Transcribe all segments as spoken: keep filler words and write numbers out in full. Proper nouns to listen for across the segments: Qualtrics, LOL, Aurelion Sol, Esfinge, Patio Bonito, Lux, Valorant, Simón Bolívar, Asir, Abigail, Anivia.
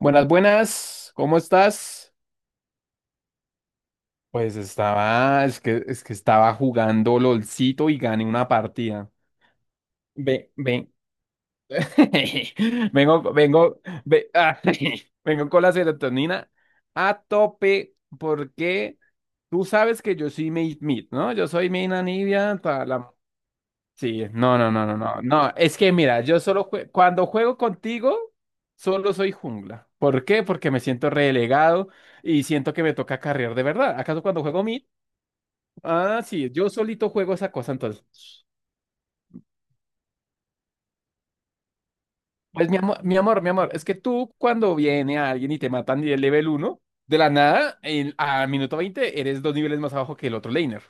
Buenas, buenas, ¿cómo estás? Pues estaba, es que, es que estaba jugando LOLcito y gané una partida. Ve, ven, vengo, vengo, ve- ah, vengo con la serotonina a tope porque tú sabes que yo soy Made Mid, ¿no? Yo soy Main Anivia. Sí, no, no, no, no, no, no, es que mira, yo solo jue- cuando juego contigo, solo soy jungla. ¿Por qué? Porque me siento relegado y siento que me toca carrear de verdad. ¿Acaso cuando juego mid? Ah, sí, yo solito juego esa cosa entonces. Pues mi amor, mi amor, mi amor, es que tú cuando viene a alguien y te matan de level uno, de la nada, en- a minuto veinte eres dos niveles más abajo que el otro laner.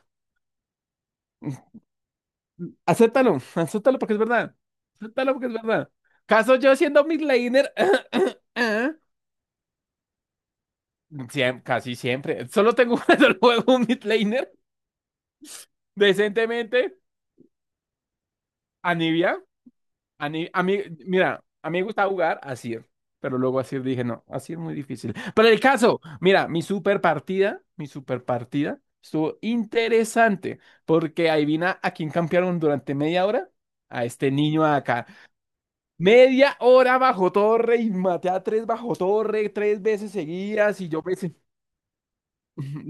Acéptalo, acéptalo porque es verdad. Acéptalo porque es verdad. ¿Caso yo siendo mid laner? Siem- casi siempre. Solo tengo un solo juego, un mid laner, decentemente. Anivia. Ani- a mí, mira, a mí me gusta jugar Asir, pero luego Asir dije, no, Asir muy difícil. Pero el caso, mira, mi super partida, mi super partida estuvo interesante, porque adivina a quién campearon durante media hora. A este niño acá. Media hora bajo torre y maté a tres bajo torre tres veces seguidas y yo pensé,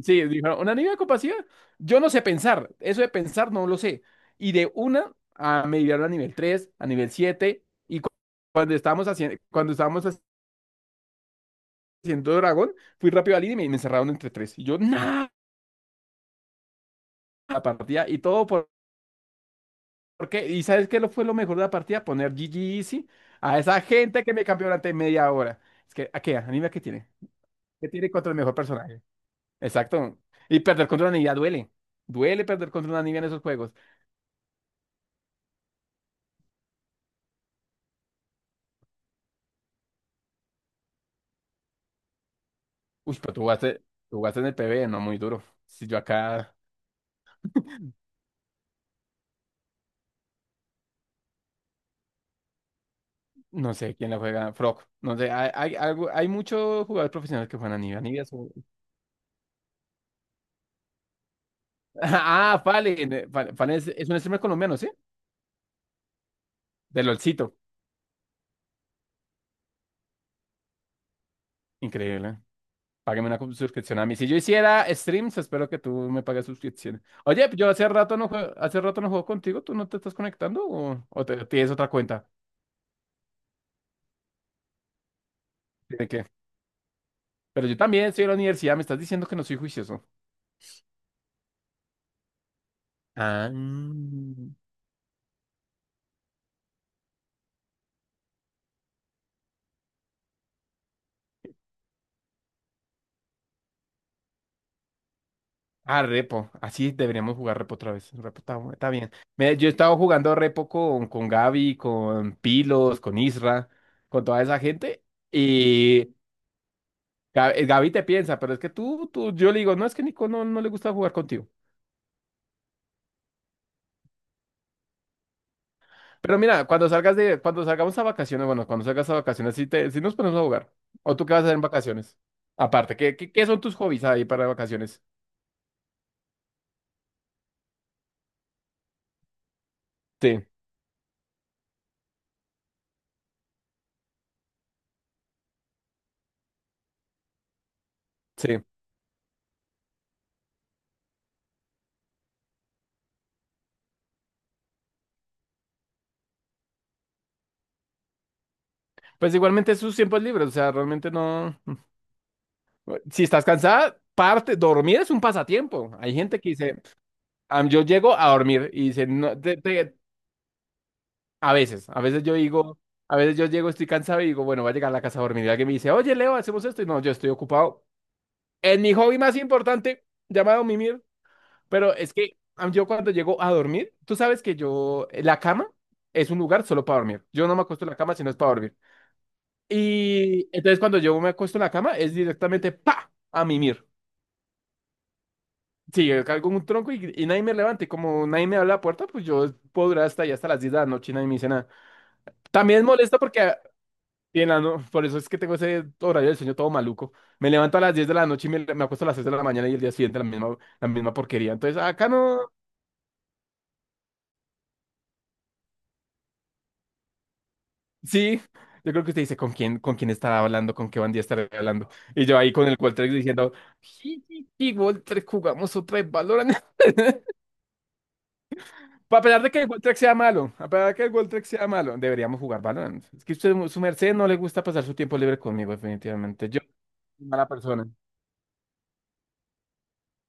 sí, dijeron, ¿una niña con capacidad? Yo no sé pensar, eso de pensar no lo sé. Y de una a me llevaron a nivel tres a nivel siete y cu- cuando estábamos haciendo, cuando estábamos haciendo Dragón, fui rápido al líder y me, me encerraron entre tres. Y yo, nada, la partida, y todo por, ¿por qué? ¿Y sabes qué lo fue lo mejor de la partida? Poner G G Easy a esa gente que me cambió durante media hora. Es que, ¿a qué? ¿Anime qué tiene? ¿Qué tiene contra el mejor personaje? Exacto. Y perder contra una niña duele. Duele perder contra una niña en esos juegos. Uy, pero tú jugaste, tú jugaste en el P B, no muy duro. Si yo acá, no sé quién la juega, Frog. No sé, hay, hay, algo, hay muchos jugadores profesionales que juegan a Nibia. Nibia es un- Ah, Fallen. eh, Fallen, Fallen es, es un streamer colombiano, ¿sí? De LOLcito. Increíble. ¿Eh? Págame una suscripción a mí. Si yo hiciera streams, espero que tú me pagues suscripción. Oye, yo hace rato no juego, hace rato no juego contigo. ¿Tú no te estás conectando o, o te- tienes otra cuenta? ¿De qué? Pero yo también estoy en la universidad. Me estás diciendo que no soy juicioso. Ah. Ah, repo. Así deberíamos jugar repo otra vez. Repo está, bu- está bien. Mira, yo he estado jugando repo con, con Gaby, con Pilos, con Isra, con toda esa gente. Y Ga- eh, Gaby te piensa, pero es que tú, tú, yo le digo, no, es que Nico no, no le gusta jugar contigo. Pero mira, cuando salgas de, cuando salgamos a vacaciones, bueno, cuando salgas a vacaciones, sí, te, sí nos ponemos a jugar. ¿O tú qué vas a hacer en vacaciones? Aparte, ¿qué, qué, qué son tus hobbies ahí para vacaciones? Sí, sí. Pues igualmente es sus tiempos libres, o sea, realmente no. Si estás cansada, parte, dormir es un pasatiempo. Hay gente que dice, "Am, yo llego a dormir y dice, no, te- te- a veces, a veces yo digo, a veces yo llego, estoy cansado y digo, bueno, voy a llegar a la casa a dormir. Y alguien me dice, oye, Leo, hacemos esto. Y no, yo estoy ocupado en mi hobby más importante, llamado mimir. Pero es que am, yo cuando llego a dormir, tú sabes que yo, la cama es un lugar solo para dormir. Yo no me acuesto en la cama si no es para dormir. Y entonces cuando yo me acuesto en la cama es directamente, pa, a mimir. Sí, yo cargo un tronco y, y nadie me levante. Como nadie me abre la puerta, pues yo puedo durar hasta allá, hasta las diez de la noche y nadie me dice nada. También molesta porque, ah, bien, ah, no, por eso es que tengo ese horario del sueño todo maluco. Me levanto a las diez de la noche y me, me acuesto a las seis de la mañana y el día siguiente la misma, la misma porquería. Entonces, acá no. Sí, yo creo que usted dice con quién, con quién estará hablando, con qué bandía estará hablando. Y yo ahí con el Qualtrics diciendo, sí, sí, sí, Walter, jugamos otra vez Valorant. Pues a pesar de que el World Trek sea malo, a pesar de que el World Trek sea malo, deberíamos jugar Valorant. Es que usted, su merced, no le gusta pasar su tiempo libre conmigo, definitivamente. Yo soy mala persona.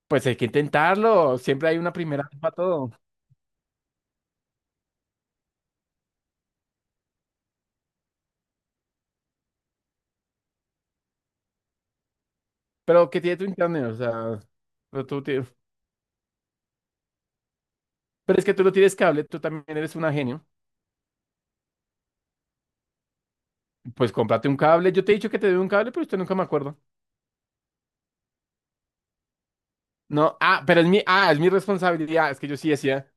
Pues hay que intentarlo. Siempre hay una primera vez para todo. Pero ¿qué tiene tu internet? O sea, pero tú tienes- pero es que tú lo tienes cable, tú también eres una genio. Pues cómprate un cable. Yo te he dicho que te doy un cable, pero usted nunca me acuerdo. No, ah, pero es mi, ah, es mi responsabilidad. Es que yo sí decía.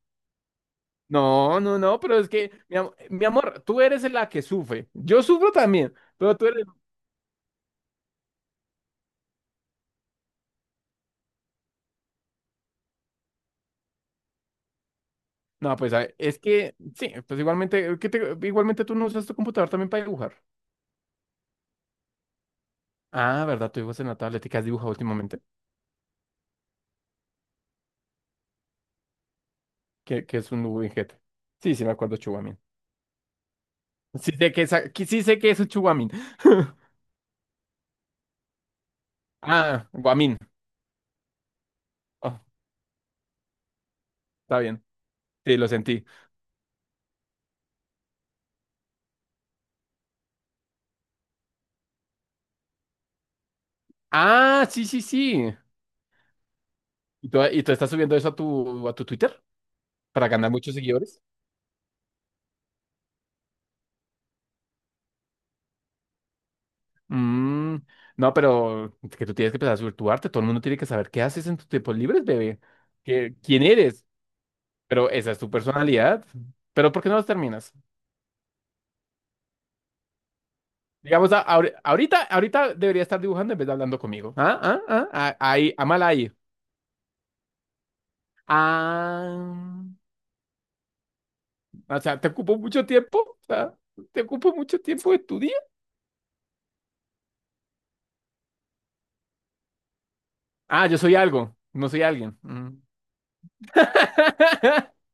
No, no, no, pero es que, mi, am- mi amor, tú eres la que sufre. Yo sufro también, pero tú eres. No, pues a- es que, sí, pues igualmente, ¿qué te- igualmente tú no usas tu computador también para dibujar. Ah, ¿verdad? Tú dibujas en la tablet. ¿Y qué has dibujado últimamente? Que, que es un juguete. Sí, sí, me acuerdo, Chuguamín. Sí sé que es, que sí sé que es un Chuguamín. Ah, Guamín. Oh, está bien. Sí, lo sentí. Ah, sí, sí, sí. ¿Y tú, y tú estás subiendo eso a tu, a tu Twitter para ganar muchos seguidores? Mm, no, pero es que tú tienes que empezar a subir tu arte. Todo el mundo tiene que saber qué haces en tus tiempos libres, bebé. ¿Qué- ¿quién eres? Pero esa es tu personalidad. Pero ¿por qué no los terminas? Digamos, a- ahori- ahorita, ahorita debería estar dibujando en vez de hablando conmigo. Ah, ah, ah, ah, ahí, a mal ahí. Ah, o sea, ¿te ocupo mucho tiempo? O sea, ¿te ocupo mucho tiempo de tu día? Ah, yo soy algo, no soy alguien. Mm.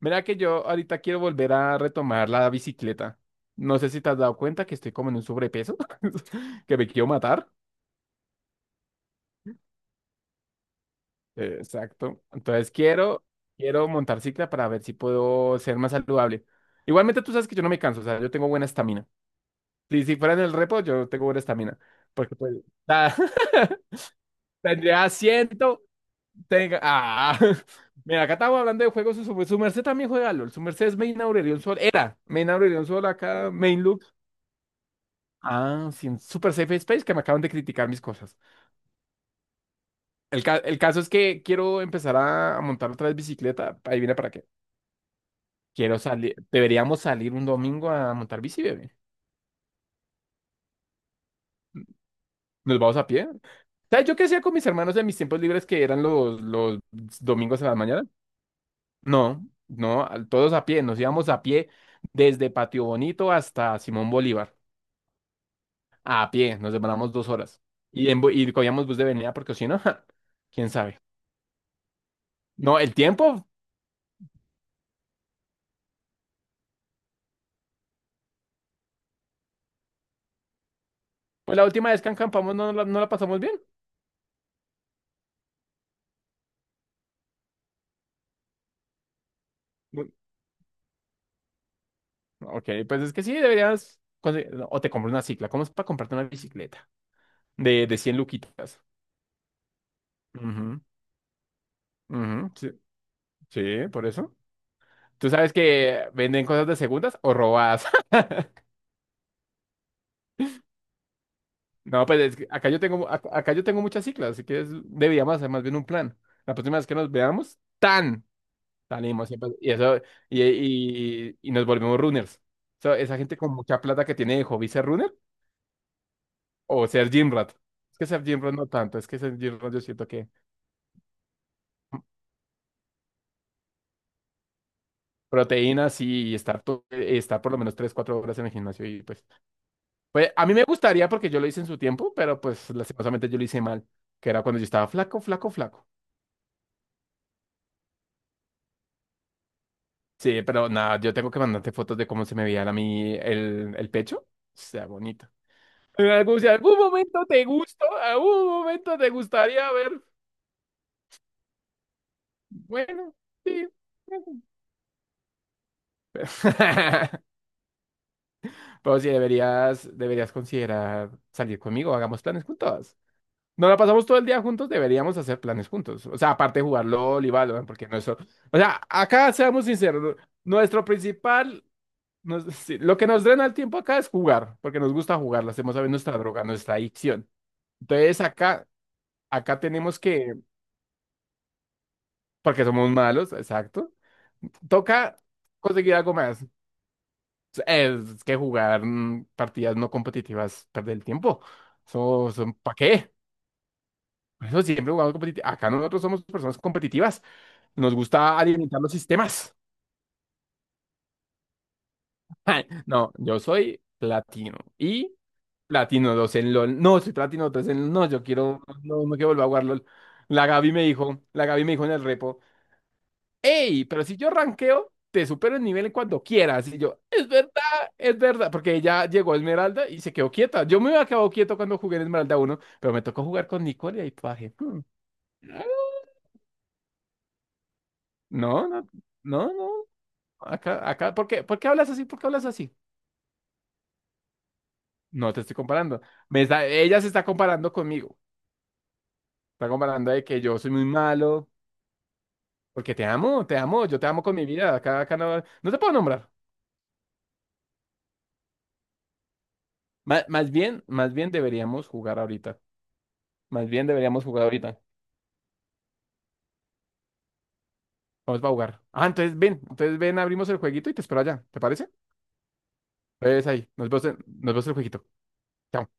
Mira que yo ahorita quiero volver a retomar la bicicleta. No sé si te has dado cuenta que estoy como en un sobrepeso, que me quiero matar. Eh, Exacto. Entonces quiero, quiero montar cicla para ver si puedo ser más saludable. Igualmente tú sabes que yo no me canso, o sea, yo tengo buena estamina. Si, si fuera en el repo, yo tengo buena estamina. Porque pues, ta- tendría asiento, tenga. Ah, mira, acá estamos hablando de juegos, su, su su merced también juega LOL. Su merced es Main Aurelion Sol, era Main Aurelion Sol acá, Main Lux. Ah, sí, en Super Safe Space que me acaban de criticar mis cosas. El, ca- el caso es que quiero empezar a, a montar otra vez bicicleta, ahí viene para qué. Quiero salir, deberíamos salir un domingo a montar bici, bebé. Nos vamos a pie. ¿Sabes yo qué hacía con mis hermanos en mis tiempos libres que eran los, los domingos a la mañana? No, no, al- todos a pie. Nos íbamos a pie desde Patio Bonito hasta Simón Bolívar. A pie, nos demoramos dos horas. Y, en, bu- y cogíamos bus de venida porque si no, ja, quién sabe. No, el tiempo, pues la última vez que acampamos no, la, no la pasamos bien. Bu- Ok, pues es que sí, deberías conseguir- o te compras una cicla. ¿Cómo es para comprarte una bicicleta? De, de cien luquitas. Ujú, ujú, sí, sí, por eso. ¿Tú sabes que venden cosas de segundas o robadas? No, pues es que acá yo tengo, ac- acá yo tengo muchas ciclas, así que es- deberíamos hacer más bien un plan. La próxima vez que nos veamos, tan salimos y, pues, y eso y, y- y nos volvemos runners. So, esa gente con mucha plata que tiene de hobby ser runner o ser gym rat. Es que ser gym rat no tanto, es que ser gym rat yo siento que proteínas y estar, to- estar por lo menos tres cuatro horas en el gimnasio y pues. Pues a mí me gustaría porque yo lo hice en su tiempo, pero pues lastimosamente yo lo hice mal, que era cuando yo estaba flaco, flaco, flaco. Sí, pero nada, yo tengo que mandarte fotos de cómo se me veía a mí el, el pecho. Sea bonito. En algún, si algún momento te gustó, algún momento te gustaría ver. Bueno, sí. Pero sí, deberías, deberías considerar salir conmigo, hagamos planes juntos. Nos la pasamos todo el día juntos, deberíamos hacer planes juntos. O sea, aparte de jugar LOL y Valorant, porque nuestro. O sea, acá seamos sinceros, nuestro principal. Nos- sí, lo que nos drena el tiempo acá es jugar, porque nos gusta jugar, lo hacemos a ver nuestra droga, nuestra adicción. Entonces acá, acá tenemos que, porque somos malos, exacto, toca conseguir algo más. Es que jugar mm, partidas no competitivas, perder el tiempo. Eso, ¿para qué? Por eso siempre jugamos competitivo. Acá nosotros somos personas competitivas. Nos gusta alimentar los sistemas. Ay, no, yo soy platino. Y platino dos en LOL. No, soy platino tres en LOL. No, yo quiero. No, no quiero volver a jugar LOL. La Gaby me dijo, la Gaby me dijo en el repo, hey, pero si yo rankeo, te supero el nivel cuando quieras. Y yo, es verdad, es verdad. Porque ella llegó a Esmeralda y se quedó quieta. Yo me había quedado quieto cuando jugué en Esmeralda uno pero me tocó jugar con Nicole y ahí paje. No, no, no, no. Acá, acá, ¿por qué? ¿Por qué hablas así? ¿Por qué hablas así? No te estoy comparando. Me está, ella se está comparando conmigo. Está comparando de que yo soy muy malo, porque te amo, te amo, yo te amo con mi vida. Acá, acá no, no te puedo nombrar. Más, más bien, más bien deberíamos jugar ahorita. Más bien deberíamos jugar ahorita. Vamos a jugar. Ah, entonces ven, entonces ven, abrimos el jueguito y te espero allá. ¿Te parece? Entonces ahí, nos vemos en- nos vemos en el jueguito. Chao.